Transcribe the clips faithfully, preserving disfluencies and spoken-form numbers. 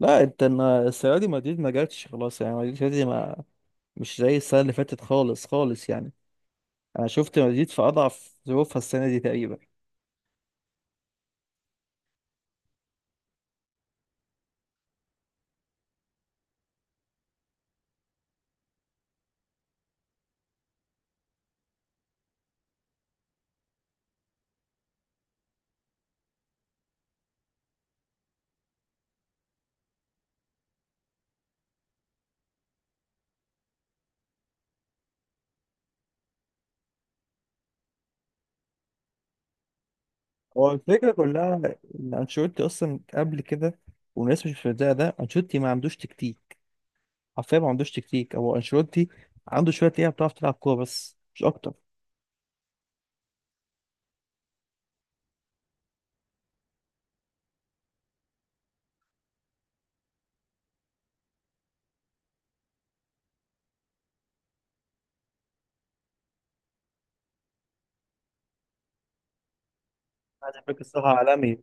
لا، انت النا- السنه دي مدريد ما جاتش، خلاص. يعني مدريد السنة دي ما مش زي السنه اللي فاتت خالص خالص. يعني انا شفت مدريد في اضعف ظروفها السنه دي تقريبا. هو الفكره كلها ان انشيلوتي اصلا قبل كده، والناس مش مصدقه ده، انشيلوتي ما عندوش تكتيك. حرفيا ما عندوش تكتيك، هو انشيلوتي عنده شويه لعيبه بتعرف تلعب كوره، بس مش اكتر. هذا فكر الصراحه عالمي،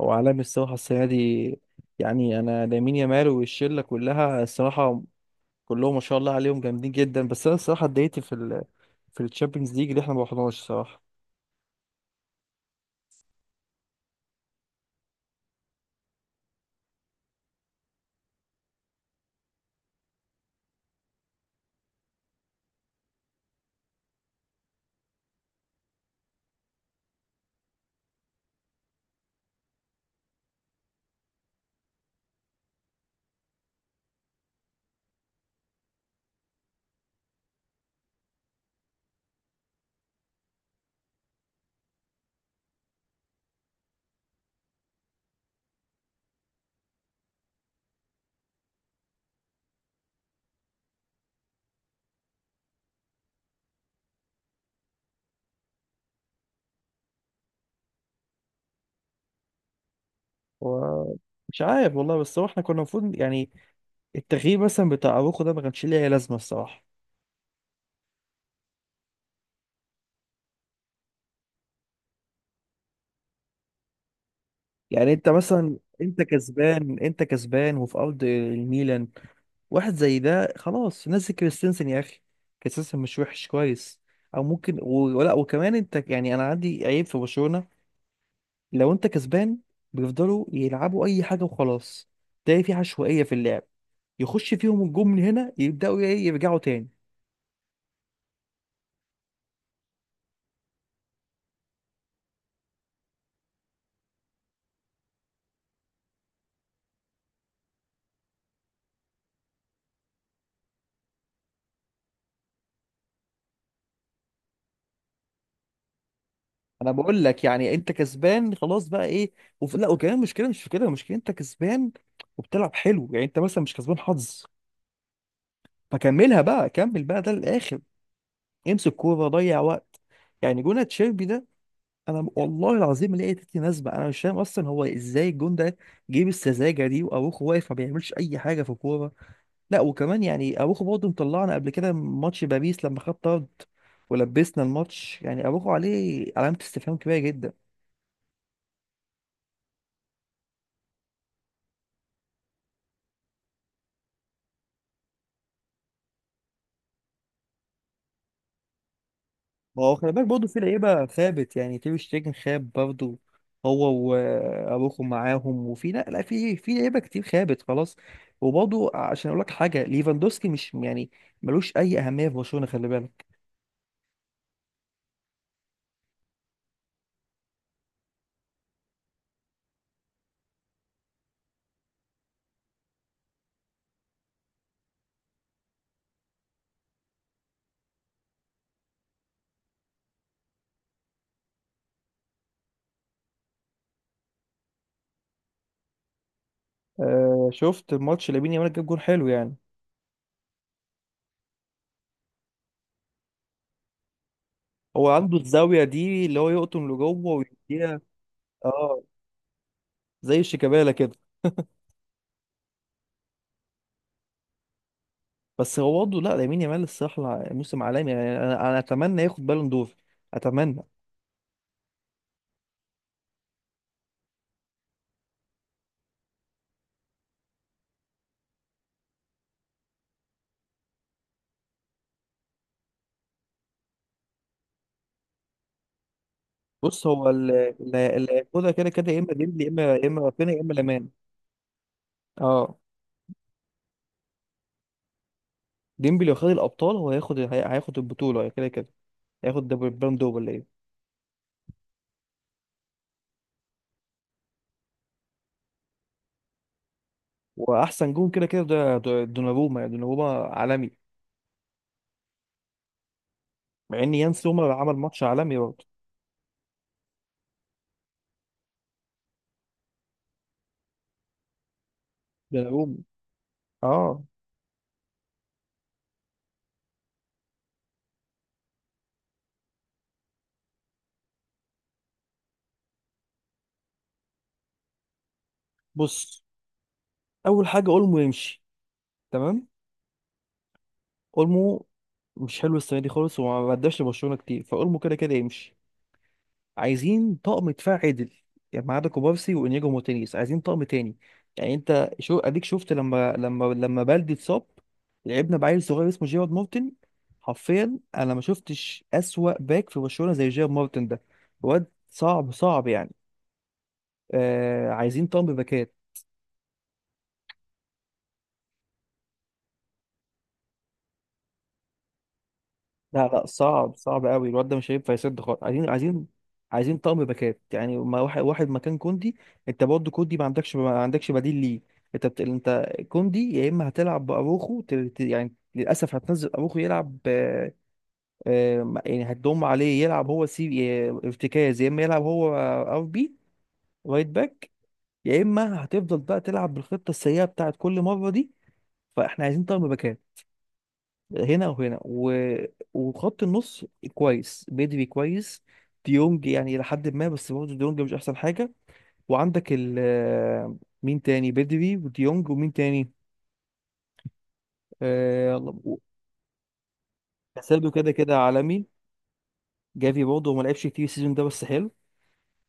هو عالمي الصراحه السنه دي. يعني انا لامين يامال والشله كلها الصراحه كلهم ما شاء الله عليهم جامدين جدا. بس انا الصراحه اتضايقت في ال... في الشامبيونز ليج اللي احنا ما رحناش صراحه. هو مش عارف، والله. بس هو احنا كنا المفروض، يعني التغيير مثلا بتاع اروخو ده ما كانش ليه اي لازمه الصراحه. يعني انت مثلا، انت كسبان، انت كسبان وفي ارض الميلان، واحد زي ده خلاص، نزل كريستنسن يا اخي. كريستنسن مش وحش، كويس. او ممكن و- ولا، وكمان انت يعني انا عندي عيب في برشلونه. لو انت كسبان بيفضلوا يلعبوا اي حاجه وخلاص. تلاقي في عشوائيه في اللعب. يخش فيهم الجون من هنا يبداوا ايه يرجعوا تاني. انا بقول لك، يعني انت كسبان خلاص بقى ايه؟ وف... لا وكمان المشكله مش في كده. المشكله انت كسبان وبتلعب حلو، يعني انت مثلا مش كسبان حظ، فكملها بقى، كمل بقى ده للاخر، امسك كوره، ضيع وقت. يعني جون تشيربي ده، انا والله العظيم لقيت ناس بقى انا مش فاهم اصلا هو ازاي الجون ده. جيب السذاجه دي واروخو واقف ما بيعملش اي حاجه في الكوره. لا وكمان يعني اروخو برضه مطلعنا قبل كده ماتش باريس لما خد طرد ولبسنا الماتش. يعني اروخو عليه علامة استفهام كبيرة جدا. ما هو خلي بالك برضه في لعيبة خابت، يعني تير شتيجن خاب برضه، هو واروخو معاهم، وفي لا لا في في لعيبة كتير خابت خلاص. وبرضه عشان اقول لك حاجة، ليفاندوسكي مش يعني ملوش اي اهمية في برشلونة، خلي بالك. آه، شفت الماتش، لامين يامال جاب جون حلو يعني. هو عنده الزاوية دي اللي هو يقطم لجوه ويديها. اه، زي شيكابالا كده. بس هو برضه لا، لامين يامال الصراحه لا- موسم عالمي. يعني انا انا اتمنى ياخد بالون دور، اتمنى. بص هو ال- ال- اللي هياخدها كده كده يا اما ديمبلي، يا اما يا اما رافينيا، يا اما لامان. اه، ديمبلي لو خد الابطال هو هياخد هي- هياخد البطوله كده كده، هياخد دب- البالون دور ولا ايه. واحسن جون كده كده ده ده دوناروما. يعني دوناروما عالمي، مع ان يانس روما عمل ماتش عالمي برضه. دوناروما، اه. بص، اول حاجه، اولمو يمشي، تمام. اولمو مش حلو السنه دي خالص، وما اداش لبرشلونه كتير، فاولمو كده كده يمشي. عايزين طقم دفاع عدل، يعني ما عدا كوبارسي وانياجو مارتينيز عايزين طقم تاني. يعني انت شو اديك، شفت لما لما لما بلدي اتصاب لعبنا بعيل صغير اسمه جيرارد مارتن. حرفيا انا ما شفتش اسوأ باك في برشلونة زي جيرارد مارتن ده. واد صعب صعب يعني. آه، عايزين طقم باكات. لا لا، صعب صعب قوي، الواد ده مش هينفع يسد خالص. عايزين، عايزين عايزين طقم باكات، يعني ما واحد واحد مكان كوندي. انت برضه كوندي ما عندكش ما عندكش بديل ليه. انت بت... انت كوندي يا اما هتلعب باروخو، ت... ت- يعني للاسف هتنزل اروخو يلعب. آه، آه، يعني هتضم عليه يلعب هو سي آه، ارتكاز، يا اما يلعب هو ار بي، رايت باك. يا اما هتفضل بقى تلعب بالخطه السيئه بتاعت كل مره دي. فاحنا عايزين طقم باكات هنا وهنا و... وخط النص كويس بدري، كويس. ديونج يعني إلى حد ما، بس برضه ديونج مش أحسن حاجة. وعندك ال مين تاني بدري وديونج ومين تاني؟ آه... كاسادو كده كده عالمي. جافي برضه ما لعبش كتير السيزون ده، بس حلو.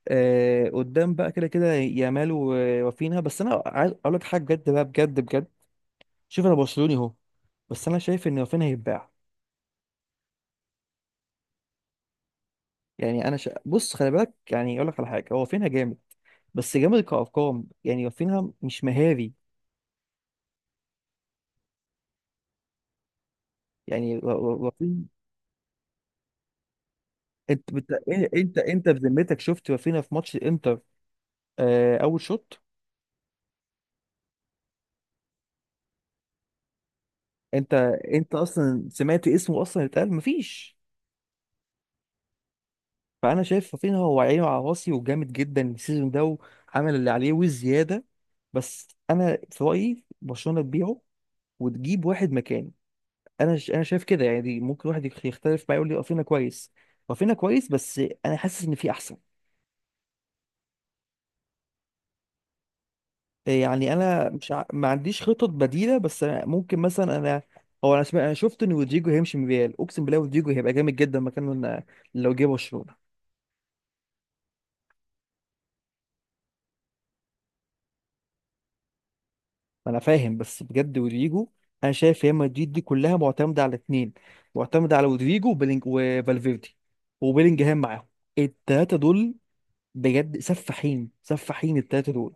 آه... قدام بقى كده كده يامال ورافينها. بس أنا عايز أقول لك حاجة بجد بقى، بجد بجد. شوف، أنا برشلوني أهو، بس أنا شايف إن رافينها هيتباع. يعني أنا شا... بص، خلي بالك يعني، أقول لك على حاجة، هو رافينها جامد، بس جامد كأرقام. يعني رافينها مش مهاري. يعني ر- ر- رافين. انت بت... ايه، انت انت بذمتك، شفت رافينها في ماتش الانتر؟ آه، اول شوط. انت انت اصلا سمعت اسمه اصلا اتقال؟ مفيش. فانا شايف رافينها هو عينه على راسي وجامد جدا السيزون ده، وعمل اللي عليه والزياده. بس انا في رايي برشلونه تبيعه وتجيب واحد مكانه. انا ش... انا شايف كده يعني. دي ممكن واحد يخ- يختلف معايا، يقول لي رافينها كويس. رافينها كويس، بس انا حاسس ان في احسن. يعني انا مش ع... ما عنديش خطط بديله، بس أنا ممكن مثلا انا، هو انا سمعت انا شفت ان رودريجو هيمشي من ريال. اقسم بالله رودريجو هيبقى جامد جدا مكانه، إن- لو جه برشلونه. انا فاهم، بس بجد رودريجو، انا شايف ريال مدريد دي كلها معتمده على اتنين، معتمده على رودريجو وبيلينج وفالفيردي، وبيلينجهام معاهم. التلاته دول بجد سفاحين سفاحين، التلاته دول.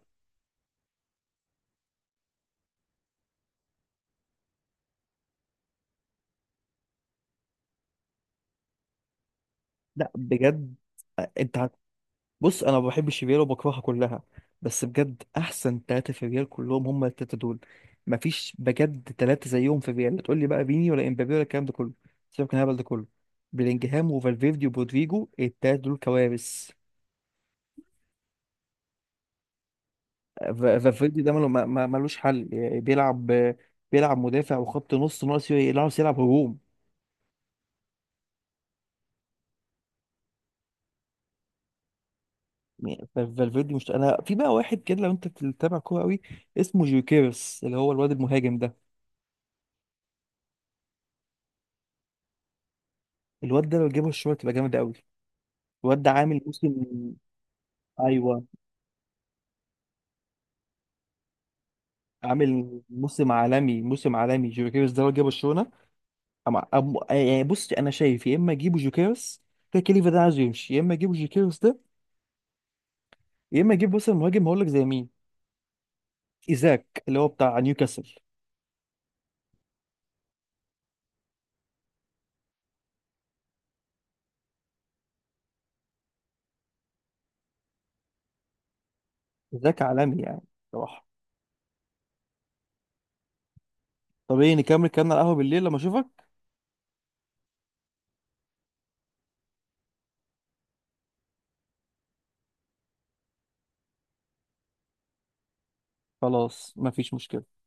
لا بجد، انت بص انا ما بحبش الريال وبكرهها كلها، بس بجد احسن ثلاثه في الريال كلهم هم الثلاثه دول. مفيش بجد ثلاثه زيهم في الريال. تقول لي بقى فيني ولا امبابي ولا الكلام ده كله؟ سيبك من الهبل ده كله. بلينجهام وفالفيردي وبودريجو الثلاثه دول كوارث. فا- فالفيردي ده ملو- ما- ما- ملوش حل يعني. بيلعب بيلعب مدافع وخط نص، ناقص يلعب يلعب هجوم. يعني فالفيردي مش، انا في بقى واحد كده لو انت بتتابع كوره قوي اسمه جيوكيرس، اللي هو الواد المهاجم ده. الواد ده لو جابه الشوط تبقى جامد قوي. الواد ده عامل موسم. ايوه، عامل موسم عالمي، موسم عالمي. جوكيرس ده لو جه برشلونه، أما... أم... يعني بص انا شايف يا اما اجيبه جوكيرس كده، كليفا ده عايز يمشي، يا اما اجيبه جوكيرس ده، يا اما اجيب مثلا مهاجم. هقول لك زي مين؟ ايزاك، اللي هو بتاع نيوكاسل. ايزاك عالمي يعني، صراحه. طب ايه، نكمل كلامنا على القهوه بالليل لما اشوفك؟ خلاص، مفيش مشكله.